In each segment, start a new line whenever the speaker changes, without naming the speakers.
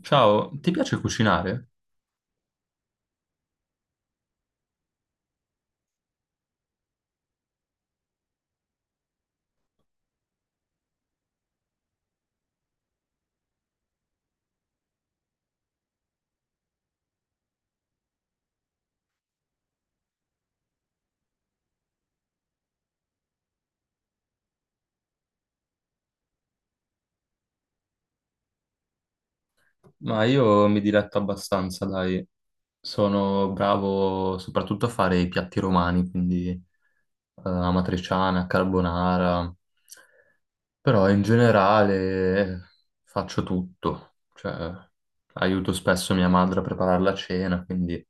Ciao, ti piace cucinare? Ma io mi diletto abbastanza, dai. Sono bravo soprattutto a fare i piatti romani, quindi amatriciana, carbonara, però in generale faccio tutto. Cioè, aiuto spesso mia madre a preparare la cena, quindi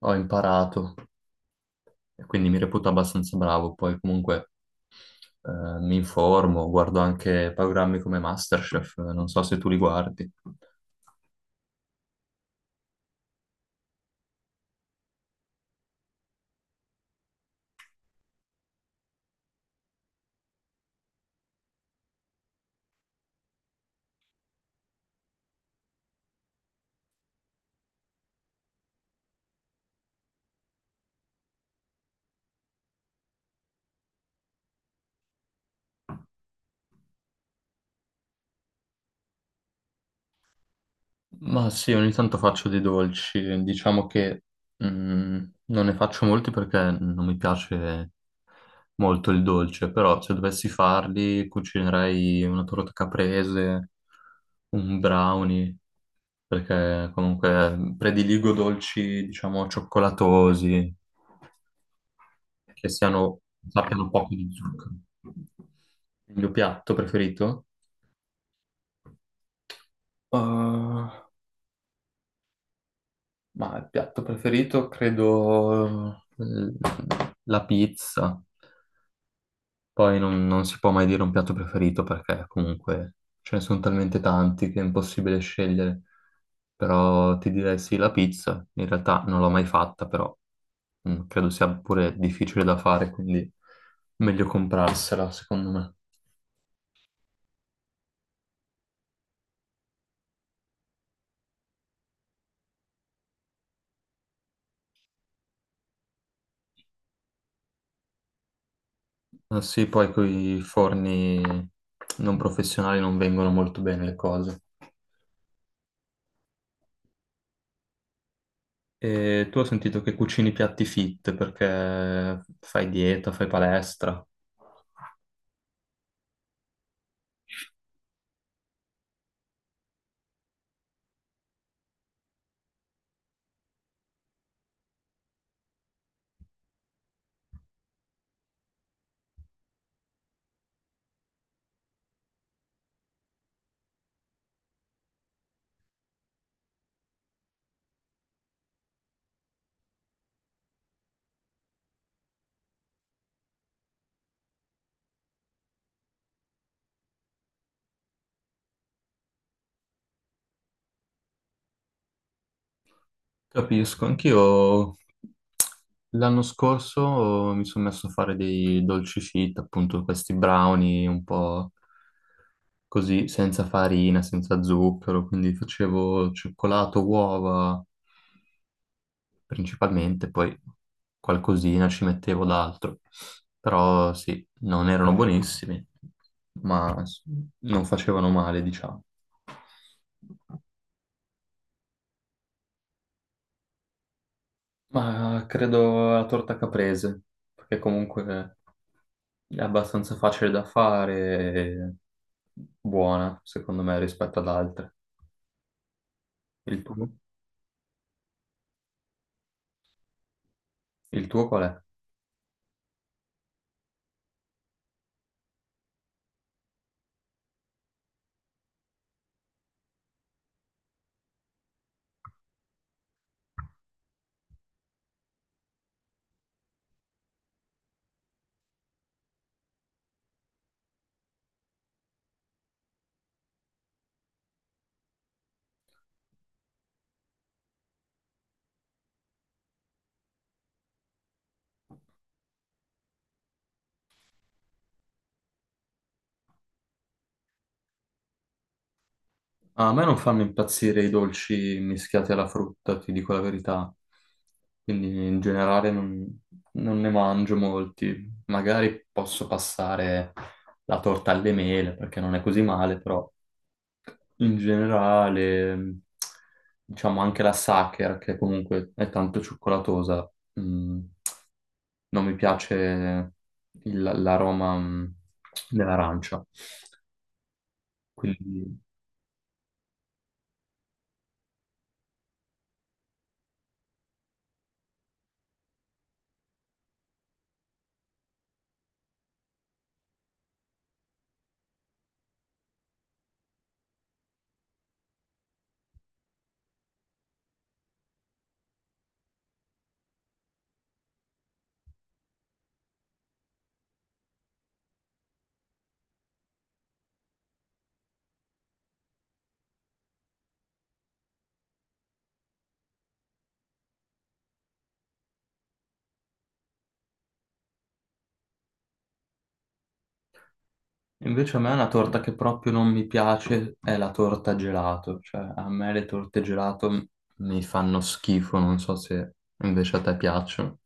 ho imparato e quindi mi reputo abbastanza bravo. Poi comunque mi informo, guardo anche programmi come MasterChef, non so se tu li guardi. Ma sì, ogni tanto faccio dei dolci, diciamo che non ne faccio molti perché non mi piace molto il dolce, però se dovessi farli cucinerei una torta caprese, un brownie, perché comunque prediligo dolci, diciamo, cioccolatosi, che siano, sappiano poco di zucchero. Il mio piatto preferito? Uh, Ma il piatto preferito credo la pizza. Poi non si può mai dire un piatto preferito perché comunque ce ne sono talmente tanti che è impossibile scegliere. Però ti direi sì, la pizza. In realtà non l'ho mai fatta, però credo sia pure difficile da fare, quindi meglio comprarsela, secondo me. Ah, sì, poi con i forni non professionali non vengono molto bene le cose. E tu ho sentito che cucini piatti fit perché fai dieta, fai palestra. Capisco, anch'io l'anno scorso mi sono messo a fare dei dolci fit, appunto questi brownie un po' così, senza farina, senza zucchero, quindi facevo cioccolato, uova, principalmente, poi qualcosina ci mettevo d'altro. Però sì, non erano buonissimi, ma s- non facevano male, diciamo. Ma credo la torta caprese, perché comunque è abbastanza facile da fare e buona, secondo me, rispetto ad altre. Il tuo? Il tuo qual è? A me non fanno impazzire i dolci mischiati alla frutta, ti dico la verità. Quindi in generale non ne mangio molti. Magari posso passare la torta alle mele perché non è così male, però in generale, diciamo anche la Sacher, che comunque è tanto cioccolatosa, mm, non mi piace l'aroma dell'arancia. Quindi invece a me una torta che proprio non mi piace è la torta gelato, cioè a me le torte gelato mi fanno schifo, non so se invece a te piacciono.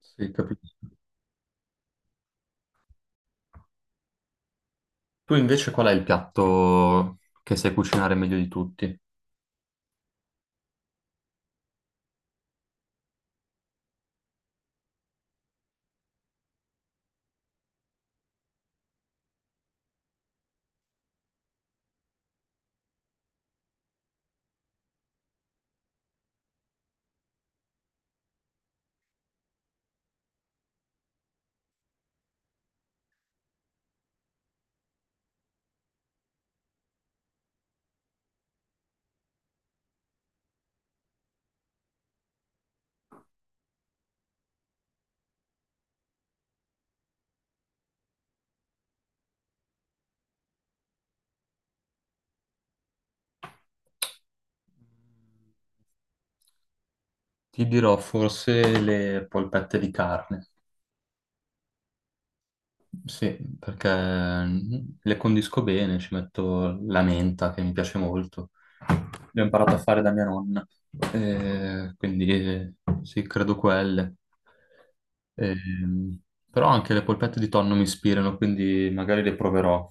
Sì, capisco. Tu invece qual è il piatto che sai cucinare meglio di tutti? Ti dirò forse le polpette di carne. Sì, perché le condisco bene, ci metto la menta che mi piace molto. L'ho imparato a fare da mia nonna. Eh, quindi eh, sì, credo quelle. Ehm, però anche le polpette di tonno mi ispirano, quindi magari le proverò.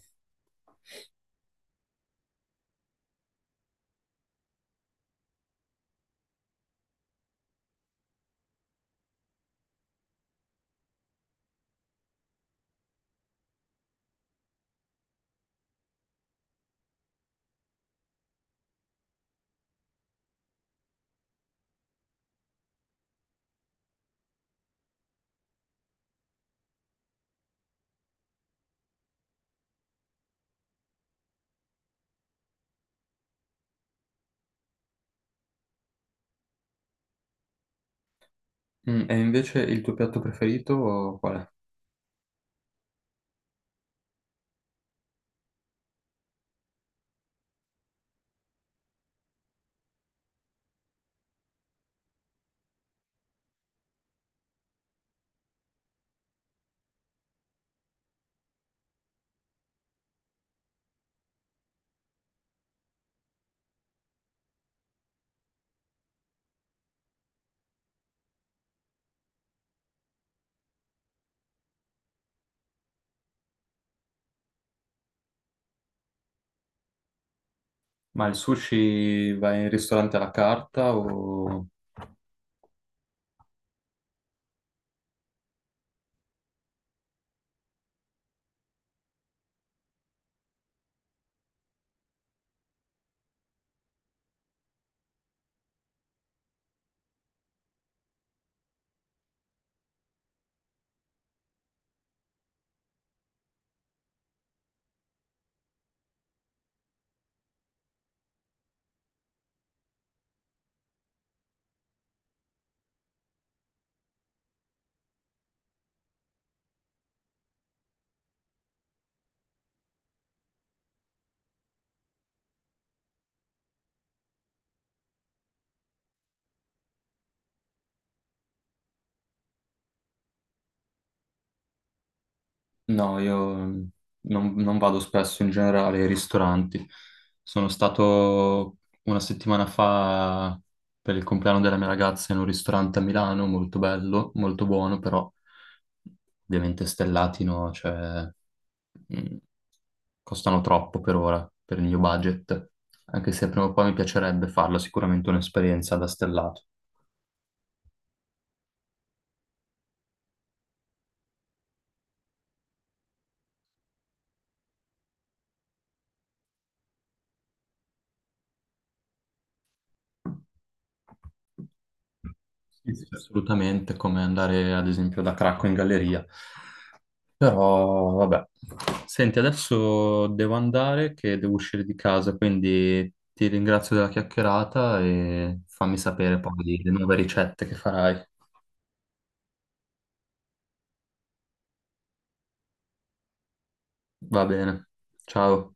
Mm, e invece il tuo piatto preferito qual è? Ma il sushi vai in ristorante alla carta o... No, io non vado spesso in generale ai ristoranti. Sono stato una settimana fa per il compleanno della mia ragazza in un ristorante a Milano, molto bello, molto buono, però ovviamente stellati, no? Cioè, mm, costano troppo per ora, per il mio budget. Anche se prima o poi mi piacerebbe farlo, sicuramente un'esperienza da stellato. Sì, sì. Assolutamente, come andare ad esempio da Cracco in galleria. Però, vabbè. Senti, adesso devo andare che devo uscire di casa, quindi ti ringrazio della chiacchierata e fammi sapere poi le nuove ricette che farai. Va bene. Ciao.